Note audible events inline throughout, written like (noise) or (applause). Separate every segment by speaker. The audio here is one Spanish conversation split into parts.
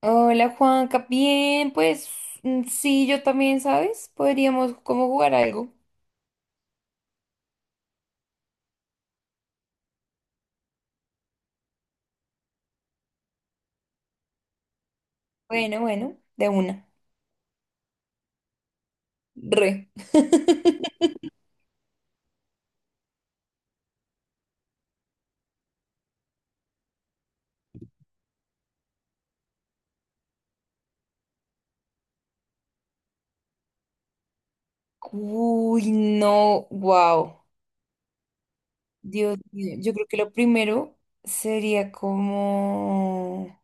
Speaker 1: Hola Juanca, bien, pues sí, yo también, ¿sabes? Podríamos como jugar algo. Bueno, bueno, de una. Re. (laughs) Uy, no, wow. Dios mío, yo creo que lo primero sería como...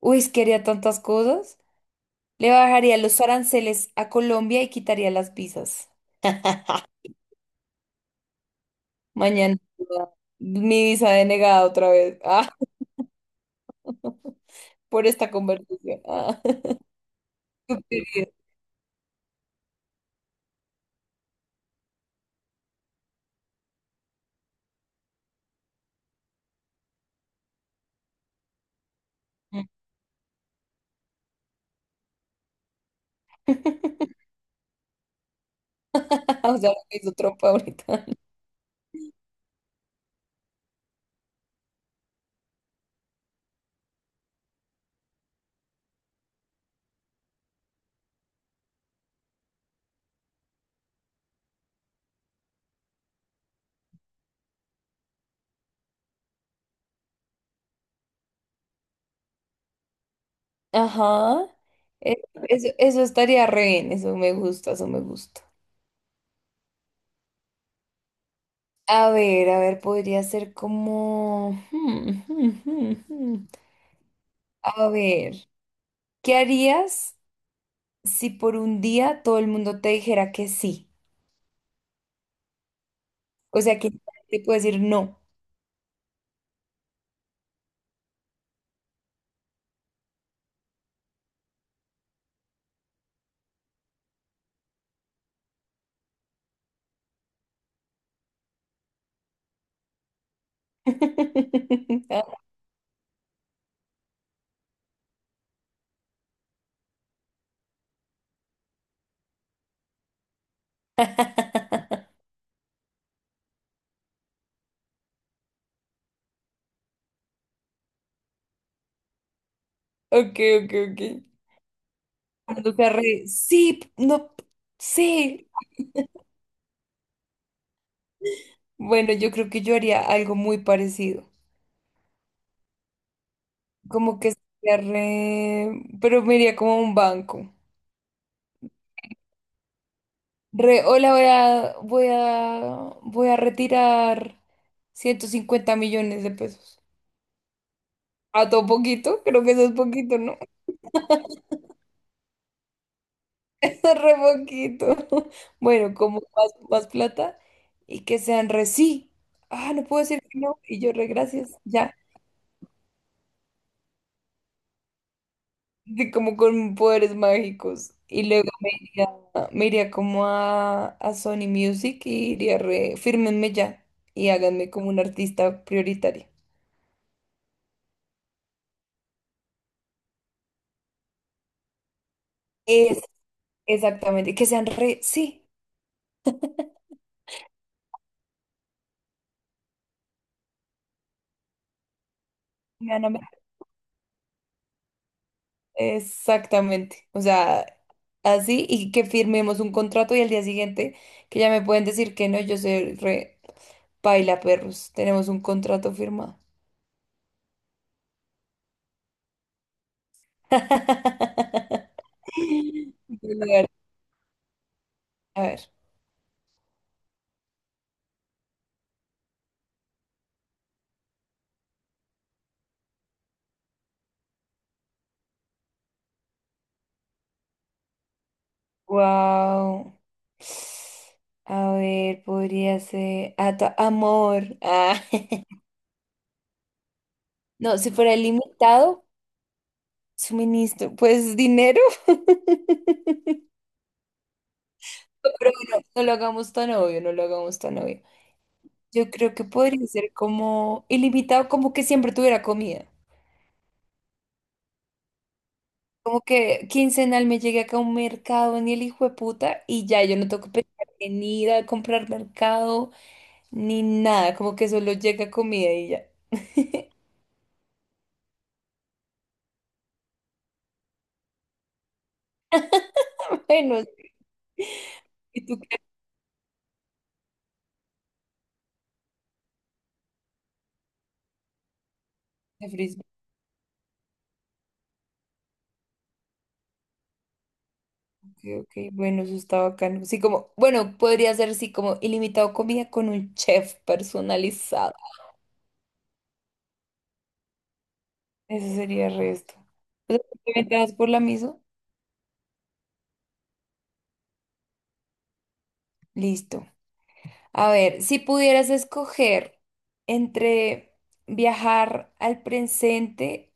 Speaker 1: Uy, es que haría tantas cosas. Le bajaría los aranceles a Colombia y quitaría las visas. (laughs) Mañana mi visa denegada otra vez. Ah, por esta conversación. Ah, (laughs) estúpido. (laughs) Ah, o sea, lo que hizo trompa ahorita. Ajá. E- Eso, eso estaría re bien, eso me gusta, eso me gusta. A ver, podría ser como... A ver, ¿qué harías si por un día todo el mundo te dijera que sí? O sea, que te puede decir no. (laughs) Ok, ok, ok. Sí, no, sí. Bueno, yo creo que yo haría algo muy parecido. Como que sería re... Pero me iría como a un banco. Re, hola, voy a retirar 150 millones de pesos. ¿A todo poquito? Creo que eso es poquito, ¿no? (laughs) Eso es re poquito. (laughs) Bueno, como más, más plata y que sean re sí. Ah, no puedo decir que no. Y yo re gracias. Ya. Sí, como con poderes mágicos. Y luego me iría como a Sony Music y iría re, fírmenme ya y háganme como un artista prioritario. Es exactamente, que sean re, sí, me van a meter- exactamente. O sea, así y que firmemos un contrato y al día siguiente que ya me pueden decir que no, yo soy re paila perros, tenemos un contrato firmado. (laughs) A ver. Wow. A ver, podría ser. Ah, amor. Ah. (laughs) No, si fuera limitado, suministro, pues dinero. (laughs) Pero bueno, no lo hagamos tan obvio, no lo hagamos tan obvio. Yo creo que podría ser como ilimitado, como que siempre tuviera comida. Como que quincenal me llegue acá a un mercado, ni el hijo de puta, y ya yo no tengo que pensar en ir a comprar mercado ni nada. Como que solo llega comida y ya. (laughs) Bueno, ¿y tú? De frisbee. Ok, ok, bueno, eso está bacano. Sí, como, bueno, podría ser así como ilimitado comida con un chef personalizado. Eso sería el resto. O sea, ¿te das por la misma? Listo. A ver, si pudieras escoger entre viajar al presente,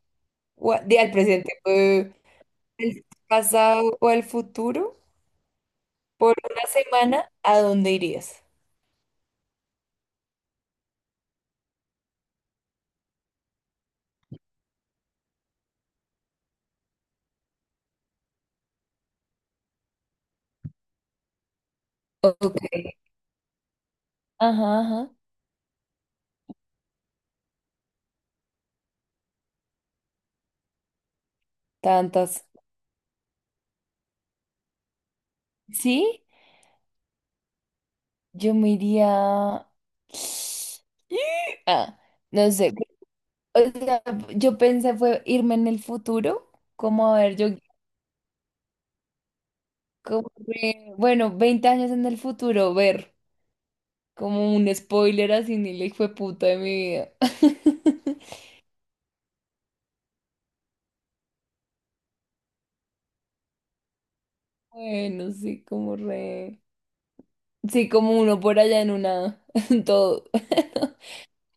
Speaker 1: al presente, al pasado o al futuro, por una semana, ¿a dónde irías? Ok. Ajá, ajá. Tantas. ¿Sí? Yo me iría... Ah, no sé. O sea, yo pensé fue irme en el futuro, como a ver, yo, como que, bueno, 20 años en el futuro, ver como un spoiler así, ni le fue puta de mi vida. (laughs) Bueno, sí, como re... Sí, como uno por allá en una, (laughs) todo, (laughs)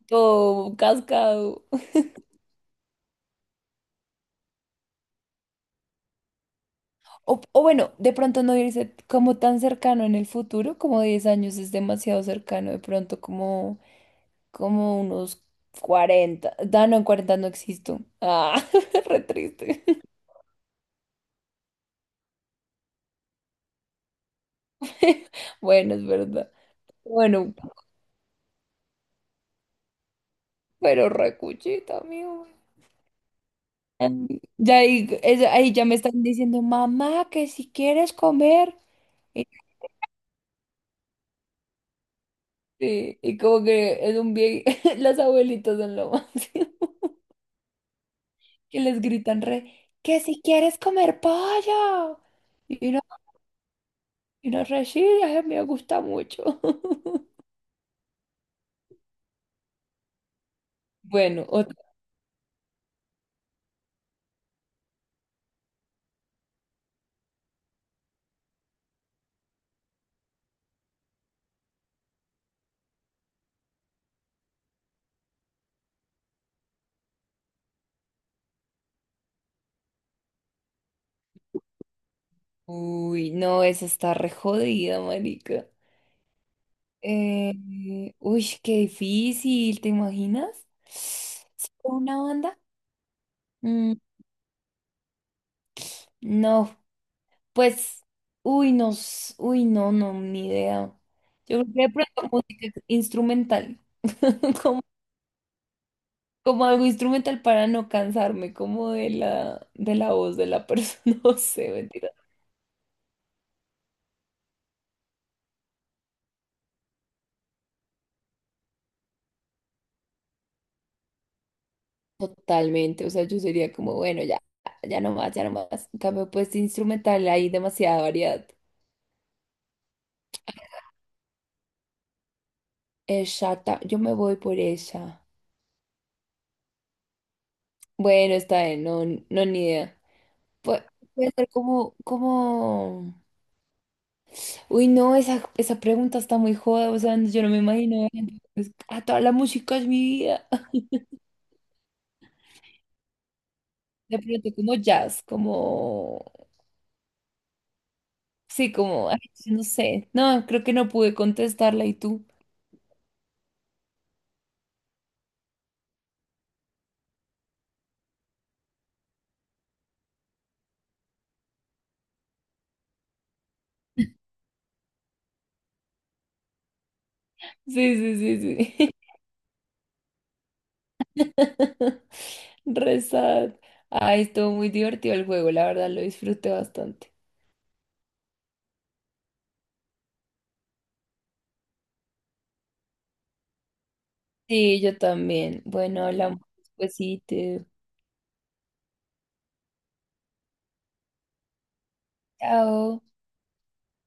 Speaker 1: todo cascado. O bueno, de pronto no irse como tan cercano en el futuro, como 10 años es demasiado cercano, de pronto como, como unos cuarenta. Ah, no, en 40 no existo. Ah, (laughs) re triste. (laughs) Bueno, es verdad. Bueno, pero recuchita, amigo. Em, Ya ahí, ahí ya me están diciendo, mamá, que si quieres comer. Y, y como que es un bien, (laughs) las abuelitas son lo (laughs) más. Que les gritan re, que si quieres comer pollo. Y uno, y uno re, "Sí, ay, me gusta mucho." (laughs) Bueno, otra. Uy, no, esa está re jodida, marica. Uy, qué difícil, ¿te imaginas? ¿Solo una banda? Mm, no, pues, uy, no, uy, no, no, ni idea. Yo creo que de pronto música instrumental. (laughs) Como como algo instrumental para no cansarme, como de la voz de la persona, (laughs) no sé, mentira. Totalmente, o sea, yo sería como, bueno, ya, ya no más, ya no más. En cambio, pues instrumental hay demasiada variedad. Exacta, yo me voy por ella. Bueno, está bien, no, no, ni idea. Pu- Puede ser como, como... Uy, no, esa pregunta está muy joda, o sea, yo no me imagino. A toda la música es mi vida. De pronto como jazz, como... Sí, como, ay, yo no sé. No, creo que no pude contestarla. ¿Y tú? (laughs) Sí, sí, sí, sí. (laughs) Re sad. Ay, estuvo muy divertido el juego, la verdad lo disfruté bastante. Sí, yo también. Bueno, hablamos despuesito. Chao.